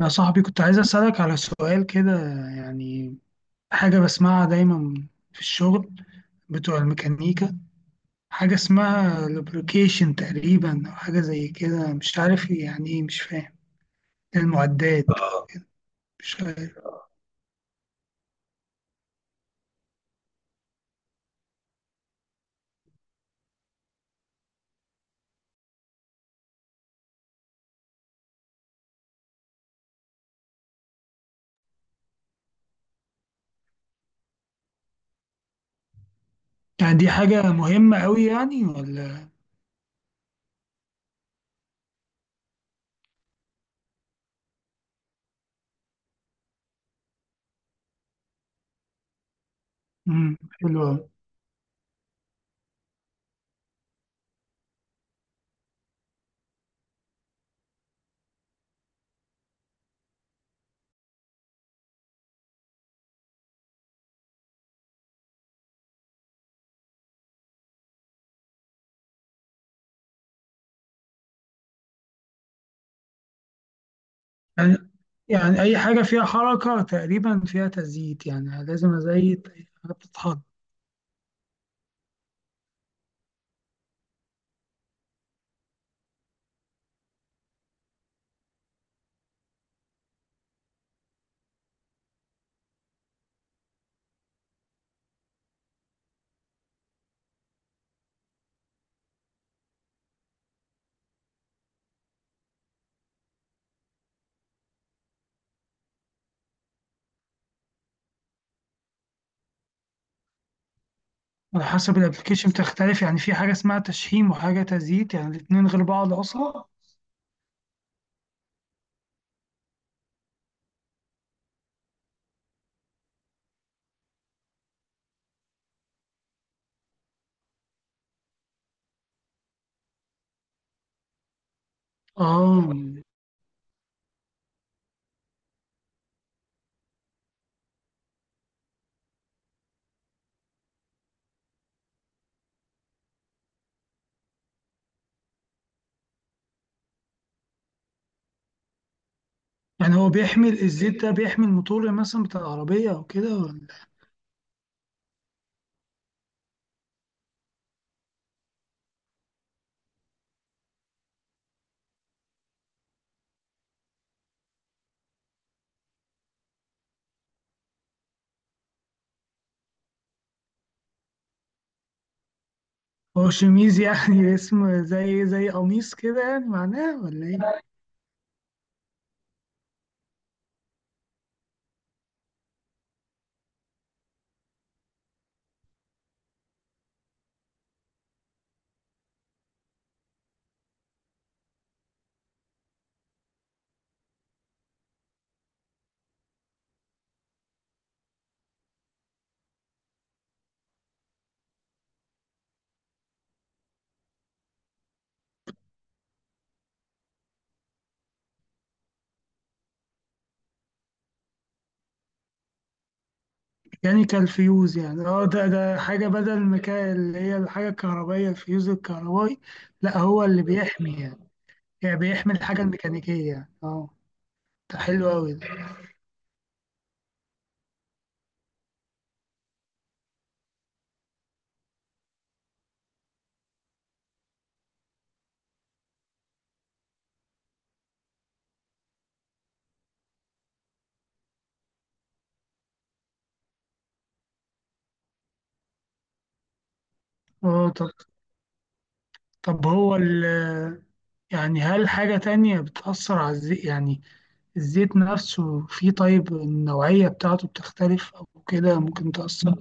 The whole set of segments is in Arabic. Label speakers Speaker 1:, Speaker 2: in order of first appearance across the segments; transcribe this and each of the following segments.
Speaker 1: يا صاحبي كنت عايز أسألك على سؤال كده، يعني حاجة بسمعها دايما في الشغل بتوع الميكانيكا. حاجة اسمها لوبريكيشن تقريبا أو حاجة زي كده، مش عارف يعني إيه، مش فاهم المعدات. آه، مش عارف. يعني دي حاجة مهمة أوي يعني ولا؟ حلوة أوي. يعني يعني أي حاجة فيها حركة تقريبا فيها تزييت، يعني لازم أزيت أي حاجة بتتحط. على حسب الابلكيشن بتختلف، يعني في حاجة اسمها تشحيم وحاجة تزييت، يعني الاتنين غير بعض أصلا. اه، يعني هو بيحمل الزيت ده، بيحمل موتور مثلا بتاع العربية أو كده ولا؟ هو شميز يعني اسم زي زي قميص كده يعني معناه ولا إيه؟ يعني كالفيوز يعني، اه ده حاجة بدل ما كان اللي هي الحاجة الكهربائية الفيوز الكهربائي. لا هو اللي بيحمي يعني، يعني بيحمي الحاجة الميكانيكية يعني، اه. ده حلو أوي ده. اه طب، طب هو ال، يعني هل حاجة تانية بتأثر على الزيت يعني؟ الزيت نفسه فيه طيب، النوعية بتاعته بتختلف أو كده ممكن تأثر؟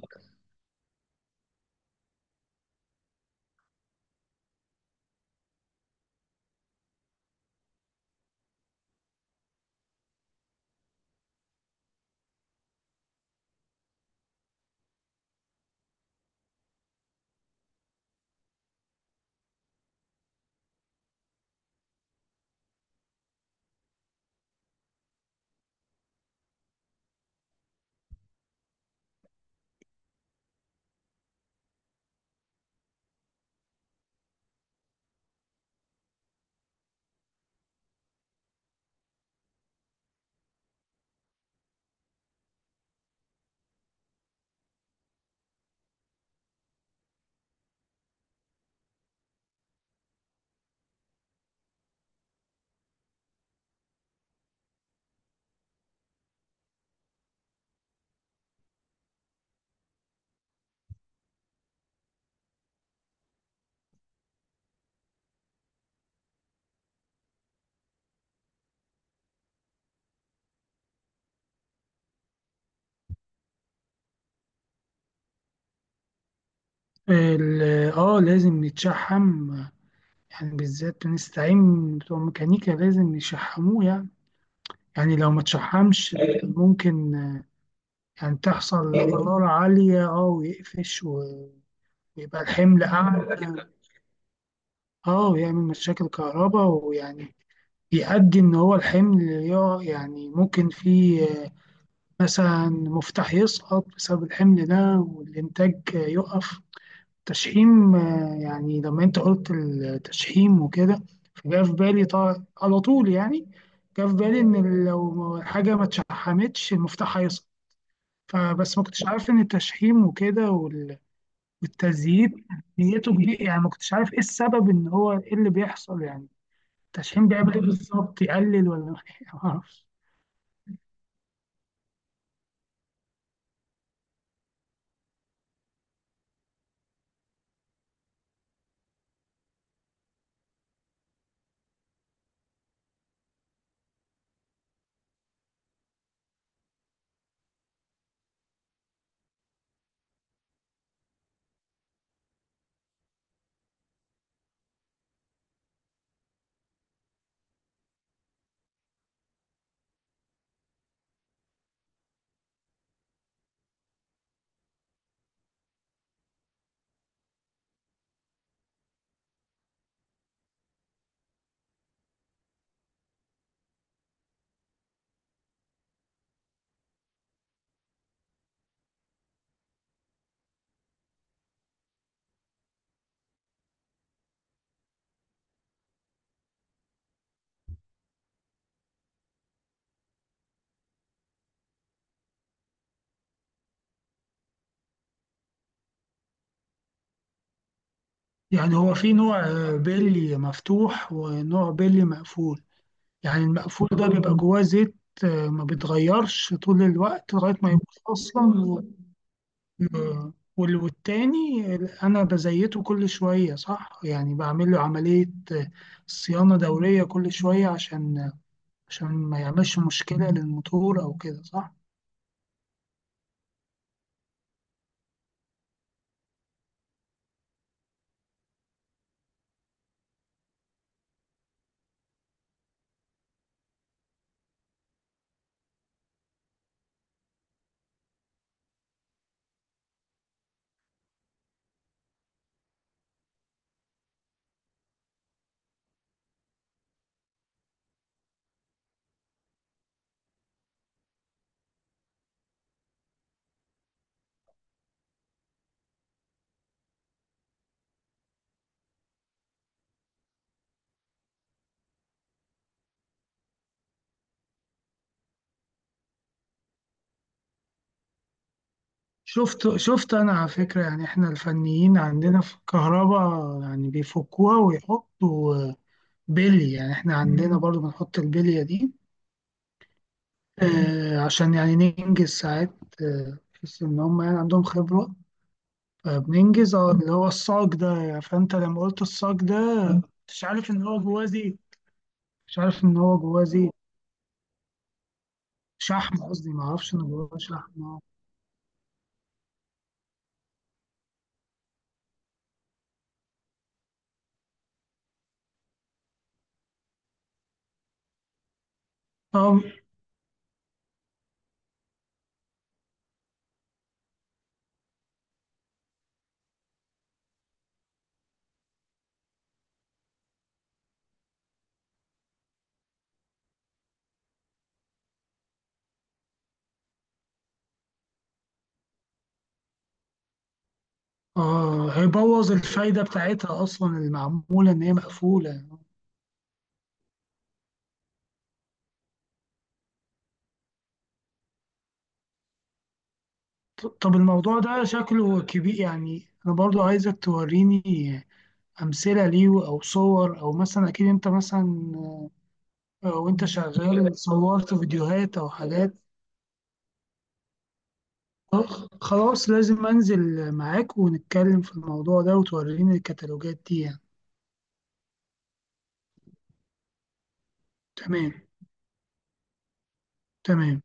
Speaker 1: اه لازم يتشحم، يعني بالذات بنستعين بتوع ميكانيكا لازم يشحموه يعني. يعني لو ما تشحمش ممكن، يعني تحصل حرارة عالية اه، ويقفش ويبقى الحمل أعلى. اه ويعمل مشاكل كهرباء، ويعني بيؤدي إن هو الحمل يعني ممكن فيه مثلا مفتاح يسقط بسبب الحمل ده والإنتاج يقف. تشحيم، يعني لما أنت قلت التشحيم وكده، فجاء في بالي طبعا على طول يعني، جاء في بالي إن لو حاجة ما اتشحمتش المفتاح هيسقط. فبس ما كنتش عارف إن التشحيم وكده والتزييت نيته كبيرة، يعني ما كنتش عارف إيه السبب إن هو إيه اللي بيحصل يعني. التشحيم بيعمل إيه بالظبط، يقلل ولا ما أعرفش. يعني هو في نوع، بيلي مفتوح ونوع بيلي مقفول. يعني المقفول ده بيبقى جواه زيت، ما بيتغيرش طول الوقت لغاية ما يبوظ أصلا والتاني أنا بزيته كل شوية صح، يعني بعمل له عملية صيانة دورية كل شوية عشان، عشان ما يعملش مشكلة للموتور أو كده صح. شفت أنا على فكرة، يعني إحنا الفنيين عندنا في الكهرباء يعني بيفكوها ويحطوا بلي، يعني احنا عندنا برضو بنحط البلية دي. آه عشان يعني ننجز ساعات، بحيث ان هم يعني عندهم خبرة. فبننجز اه اللي هو الصاج ده يعني، فانت لما قلت الصاج ده مش عارف ان هو جواه زيت، مش عارف ان هو جواه زيت. شحم قصدي، ما اعرفش ان جواه شحم اه. آه، هيبوظ الفايدة بتاعتها أصلا المعمولة إن هي مقفولة. طب الموضوع ده شكله كبير، يعني أنا برضو عايزك توريني امثله ليه او صور، او مثلا اكيد انت مثلا وانت شغال صورت فيديوهات او حاجات. آه، خلاص لازم انزل معاك ونتكلم في الموضوع ده وتوريني الكتالوجات دي يعني. تمام. تمام.